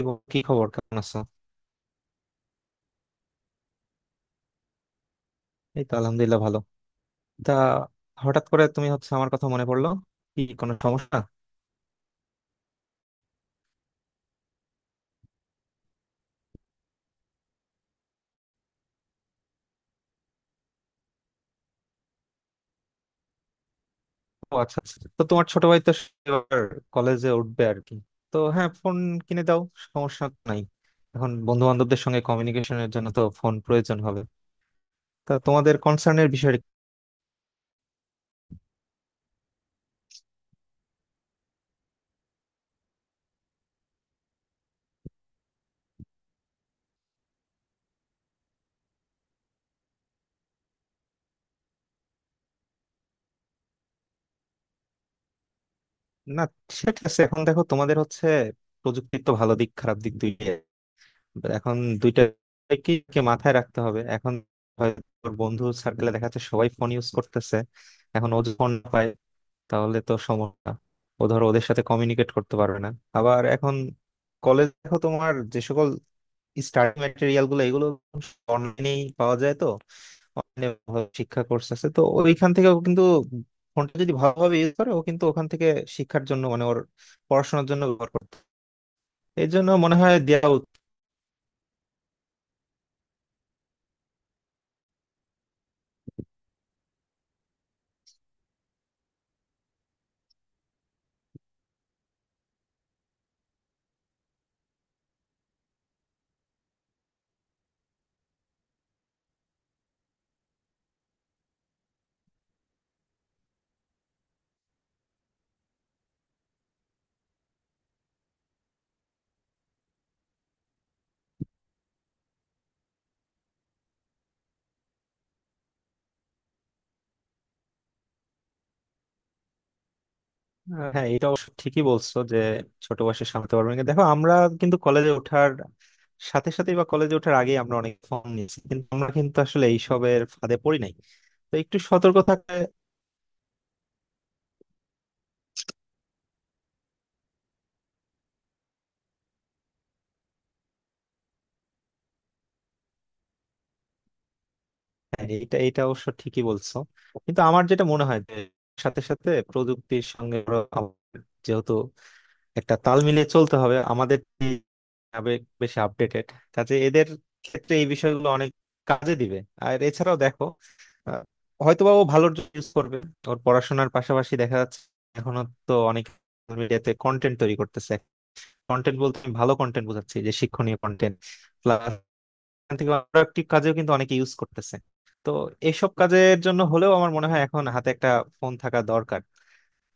এবং কি খবর, কেমন আছো? এই তো আলহামদুলিল্লাহ, ভালো। তা, হঠাৎ করে তুমি, হচ্ছে, আমার কথা মনে পড়লো? কি, কোনো সমস্যা? ও আচ্ছা আচ্ছা। তো তোমার ছোট ভাই তো এবার কলেজে উঠবে আর কি। তো হ্যাঁ, ফোন কিনে দাও, সমস্যা নাই। এখন বন্ধু বান্ধবদের সঙ্গে কমিউনিকেশনের জন্য তো ফোন প্রয়োজন হবে। তা তোমাদের কনসার্নের বিষয়। না, সেটা ঠিক আছে। এখন দেখো, তোমাদের হচ্ছে প্রযুক্তির তো ভালো দিক খারাপ দিক দুই, but এখন দুইটা কি কি মাথায় রাখতে হবে। এখন হয়তো তোর বন্ধু সার্কেলে দেখা যাচ্ছে সবাই ফোন ইউজ করতেছে, এখন ও যদি ফোন না পায় তাহলে তো সমস্যা। ও ধরো ওদের সাথে কমিউনিকেট করতে পারবে না। আবার এখন কলেজ দেখো, তোমার যে সকল স্টাডি ম্যাটেরিয়াল গুলো, এগুলো অনলাইনেই পাওয়া যায়। তো অনলাইনে শিক্ষা কোর্স আছে তো, ওইখান থেকে ও কিন্তু ফোনটা যদি ভালোভাবে ইউজ করে ও কিন্তু ওখান থেকে শিক্ষার জন্য মানে ওর পড়াশোনার জন্য ব্যবহার করতে, এই জন্য মনে হয় দেওয়া উচিত। হ্যাঁ এটা অবশ্য ঠিকই বলছো যে ছোট বয়সে সামলাতে পারবো না, দেখো আমরা কিন্তু কলেজে ওঠার সাথে সাথে বা কলেজে ওঠার আগে আমরা অনেক ফর্ম নিয়েছি কিন্তু আমরা কিন্তু আসলে এইসবের ফাঁদে পড়ি নাই। তো একটু সতর্ক থাকলে। হ্যাঁ এটা এটা অবশ্য ঠিকই বলছো, কিন্তু আমার যেটা মনে হয় যে সাথে সাথে প্রযুক্তির সঙ্গে আরো যেহেতু একটা তাল মিলিয়ে চলতে হবে, আমাদের যে আবেগ বেশি আপডেটেড কাজে এদের ক্ষেত্রে এই বিষয়গুলো অনেক কাজে দিবে। আর এছাড়াও দেখো, আহ, হয়তোবা ও ভালোর জন্য ইউজ করবে। ওর পড়াশোনার পাশাপাশি দেখা যাচ্ছে এখনো তো অনেক মিডিয়াতে কন্টেন্ট তৈরি করতেছে। কন্টেন্ট বলতে আমি ভালো কন্টেন্ট বোঝাচ্ছি, যে শিক্ষণীয় কন্টেন্ট, প্লাস থেকে প্রোডাক্টিভ কাজেও কিন্তু অনেকে ইউজ করতেছে। তো এইসব কাজের জন্য হলেও আমার মনে হয় এখন হাতে একটা ফোন থাকা দরকার।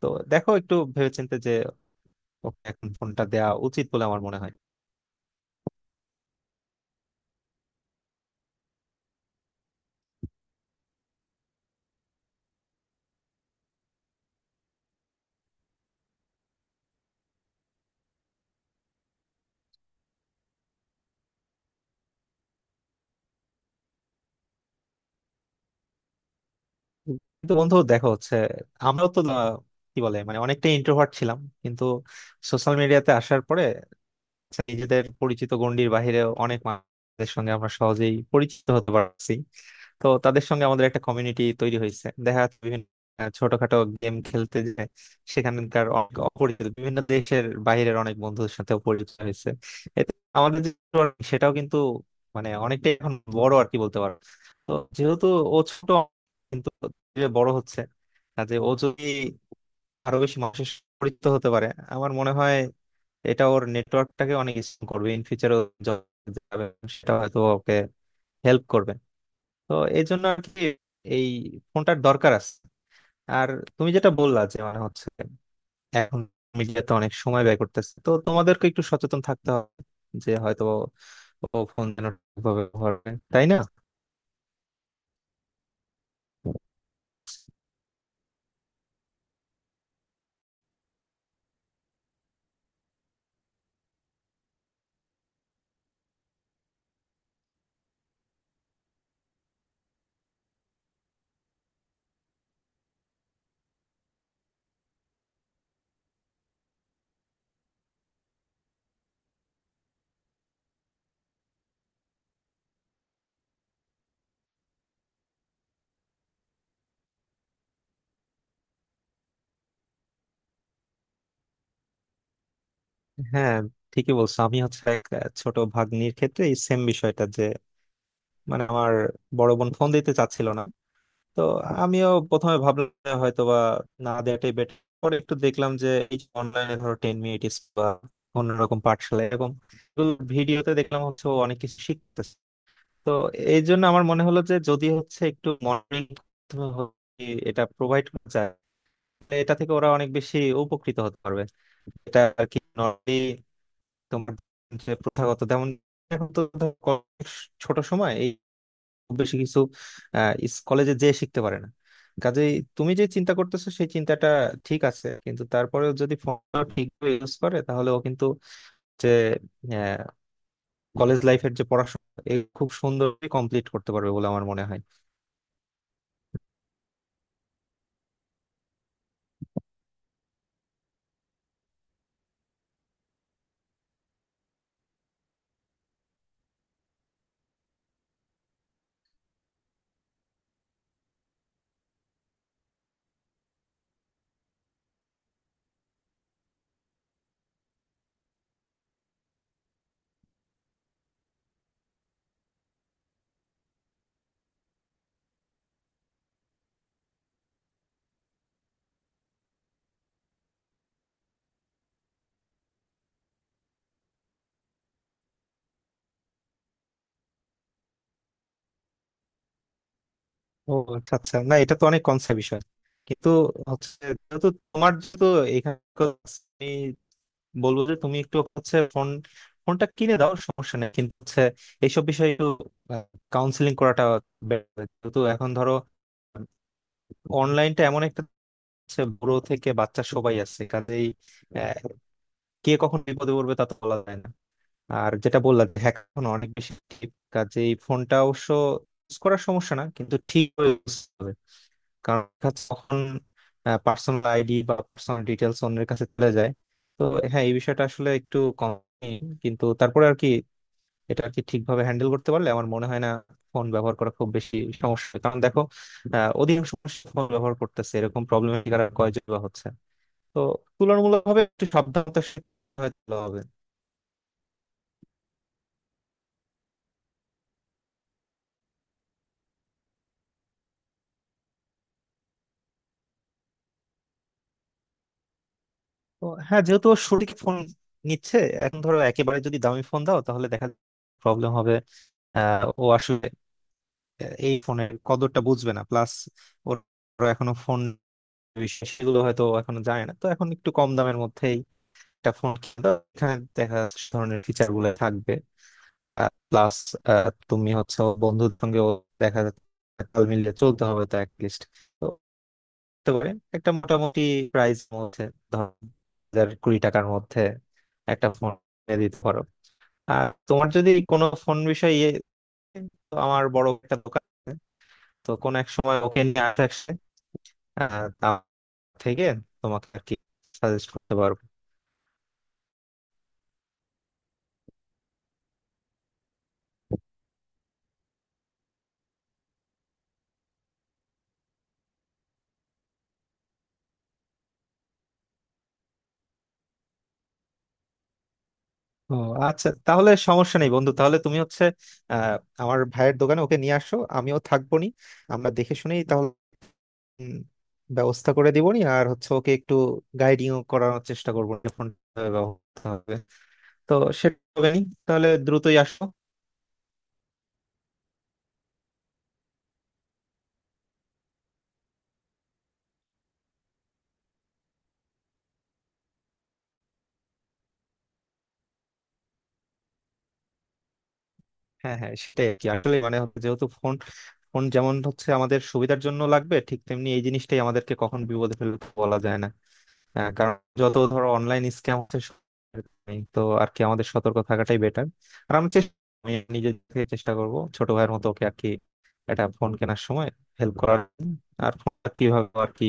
তো দেখো একটু ভেবেচিন্তে, যে ওকে এখন ফোনটা দেওয়া উচিত বলে আমার মনে হয়। কিন্তু বন্ধু দেখো, হচ্ছে আমরাও তো কি বলে, মানে অনেকটা ইন্ট্রোভার্ট ছিলাম, কিন্তু সোশ্যাল মিডিয়াতে আসার পরে নিজেদের পরিচিত গণ্ডির বাইরে অনেক মানুষের সঙ্গে আমরা সহজেই পরিচিত হতে পারছি। তো তাদের সঙ্গে আমাদের একটা কমিউনিটি তৈরি হয়েছে, দেখা যাচ্ছে বিভিন্ন ছোটখাটো গেম খেলতে যে সেখানকার অনেক অপরিচিত বিভিন্ন দেশের বাইরের অনেক বন্ধুদের সাথে পরিচয় হয়েছে। এতে আমাদের যে network, সেটাও কিন্তু মানে অনেকটাই এখন বড়, আর কি বলতে পারো। তো যেহেতু ও ছোট কিন্তু যে বড় হচ্ছে, কাজে ও যদি আরো বেশি মানুষের সাথে পরিচিত হতে পারে, আমার মনে হয় এটা ওর নেটওয়ার্কটাকে অনেক strong করবে, ইন ফিউচারও সেটা হয়তো ওকে হেল্প করবে। তো এই জন্য আর কি এই ফোনটার দরকার আছে। আর তুমি যেটা বললা যে মানে হচ্ছে এখন মিডিয়াতে অনেক সময় ব্যয় করতেছে, তো তোমাদেরকে একটু সচেতন থাকতে হবে, যে হয়তো ও ফোন যেন ঠিকভাবে ব্যবহার করে, তাই না? হ্যাঁ ঠিকই বলছো, আমি হচ্ছে এক ছোট ভাগ্নির ক্ষেত্রে এই সেম বিষয়টা, যে মানে আমার বড় বোন ফোন দিতে চাচ্ছিল না। তো আমিও প্রথমে ভাবলাম হয়তো বা না দেওয়াটাই বেটার, পরে একটু দেখলাম যে এই অনলাইনে ধরো টেন মিনিটস বা অন্যরকম পাঠশালা, এরকম ভিডিওতে দেখলাম হচ্ছে ও অনেক কিছু শিখতেছে। তো এই জন্য আমার মনে হলো যে যদি হচ্ছে একটু মনিটরিং, এটা প্রোভাইড করা যায়, তাহলে এটা থেকে ওরা অনেক বেশি উপকৃত হতে পারবে। এটা আর কি নর্মালি তোমার যে প্রথাগত, যেমন এখন তো ধরো ছোট সময় এই খুব বেশি কিছু কলেজে যেয়ে শিখতে পারে না। কাজেই তুমি যে চিন্তা করতেছো সেই চিন্তাটা ঠিক আছে, কিন্তু তারপরেও যদি ফোনটা ঠিকভাবে ইউজ করে তাহলে ও কিন্তু যে কলেজ লাইফের যে পড়াশোনা এ খুব সুন্দরভাবে কমপ্লিট করতে পারবে বলে আমার মনে হয়। ও আচ্ছা আচ্ছা, না এটা তো অনেক কনসেপ্ট বিষয়, কিন্তু হচ্ছে যেহেতু তোমার, যেহেতু এখানে, আমি বলবো যে তুমি একটু হচ্ছে ফোনটা কিনে দাও, সমস্যা নেই, কিন্তু হচ্ছে এইসব বিষয়ে একটু কাউন্সিলিং করাটা better হবে। যেহেতু এখন ধরো অনলাইনটা এমন একটা হচ্ছে, বুড়ো থেকে বাচ্চা সবাই আছে, কাজেই আহ, কে কখন বিপদে পড়বে তা তো বলা যায় না। আর যেটা বললাম, হ্যাক এখন অনেক বেশি active, কাজেই ফোনটা অবশ্য ইউজ করার সমস্যা না, কিন্তু ঠিক ইউজ হবে, কারণ দেখা যাচ্ছে তখন পার্সোনাল আইডি বা পার্সোনাল ডিটেলস অন্যের কাছে চলে যায়। তো হ্যাঁ, এই বিষয়টা আসলে একটু কম, কিন্তু তারপরে আর কি এটা আর কি ঠিকভাবে হ্যান্ডেল করতে পারলে আমার মনে হয় না ফোন ব্যবহার করা খুব বেশি সমস্যা, কারণ দেখো অধিকাংশ ফোন ব্যবহার করতেছে এরকম প্রবলেমের শিকার আর কয়জন বা হচ্ছে। তো তুলনামূলকভাবে একটু সাবধানতার সাথে হয়তো হবে। তো হ্যাঁ, যেহেতু ও সঠিক ফোন নিচ্ছে, এখন ধরো একেবারে যদি দামি ফোন দাও তাহলে দেখা প্রবলেম হবে, ও আসলে এই ফোনের কদরটা বুঝবে না। প্লাস ওর ওর এখনো ফোন বিষয় সেগুলো হয়তো ও এখনো জানে না, তো এখন একটু কম দামের মধ্যেই একটা ফোন কিনবা, এখানে দেখা যাচ্ছে সে ধরনের ফিচার গুলো থাকবে। প্লাস তুমি হচ্ছে বন্ধুর সঙ্গে দেখা যাচ্ছে তাল মিলিয়ে চলতে হবে, তো অ্যাটলিস্ট, তো হতে পারে একটা মোটামুটি প্রাইস মধ্যে, ধর হাজার কুড়ি টাকার মধ্যে একটা ফোন কিনে দিতে পারো। আর তোমার যদি কোনো ফোন বিষয়ে ইয়ে, তো আমার বড় একটা দোকান আছে, তো কোন এক সময় ওকে নিয়ে আসে, তা থেকে তোমাকে আর কি সাজেস্ট করতে পারবো। ও আচ্ছা, তাহলে সমস্যা নেই বন্ধু, তাহলে তুমি হচ্ছে আহ আমার ভাইয়ের দোকানে ওকে নিয়ে আসো, আমিও থাকবো নি, আমরা দেখে শুনেই তাহলে উম, ব্যবস্থা করে দিব নি। আর হচ্ছে ওকে একটু গাইডিং করানোর চেষ্টা করবো, ফোন ব্যবস্থা হবে। তো সেটা হবে নি, তাহলে দ্রুতই আসো। হ্যাঁ, হ্যাঁ, সেটাই আর কি, আসলে মানে হচ্ছে যেহেতু ফোন ফোন যেমন হচ্ছে আমাদের সুবিধার জন্য লাগবে, ঠিক তেমনি এই জিনিসটাই আমাদেরকে কখন বিপদে ফেলতে বলা যায় না। হ্যাঁ, কারণ যত ধরো অনলাইন স্ক্যাম হচ্ছে সব নেই। তো আর কি আমাদের সতর্ক থাকাটাই বেটার। আর আমি নিজে থেকে চেষ্টা করব ছোট ভাইয়ের মতো ওকে আর কি, এটা ফোন কেনার সময় হেল্প করার জন্য। আর ফোনটা কিভাবে আর কি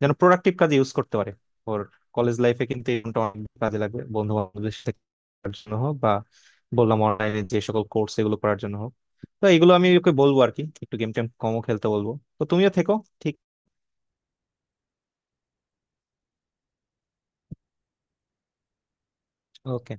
যেন প্রোডাক্টিভ কাজে ইউজ করতে পারে। ওর কলেজ লাইফে কিন্তু এই ফোনটা অনেক কাজে লাগবে, বন্ধু বান্ধবদের সাথে করার জন্য হোক, বা বললাম অনলাইনে যে সকল কোর্স এগুলো করার জন্য হোক। তো এগুলো আমি ওকে বলবো আর কি, একটু গেম টেম কমও খেলতে বলবো। তো তুমিও থেকো। ঠিক ওকে।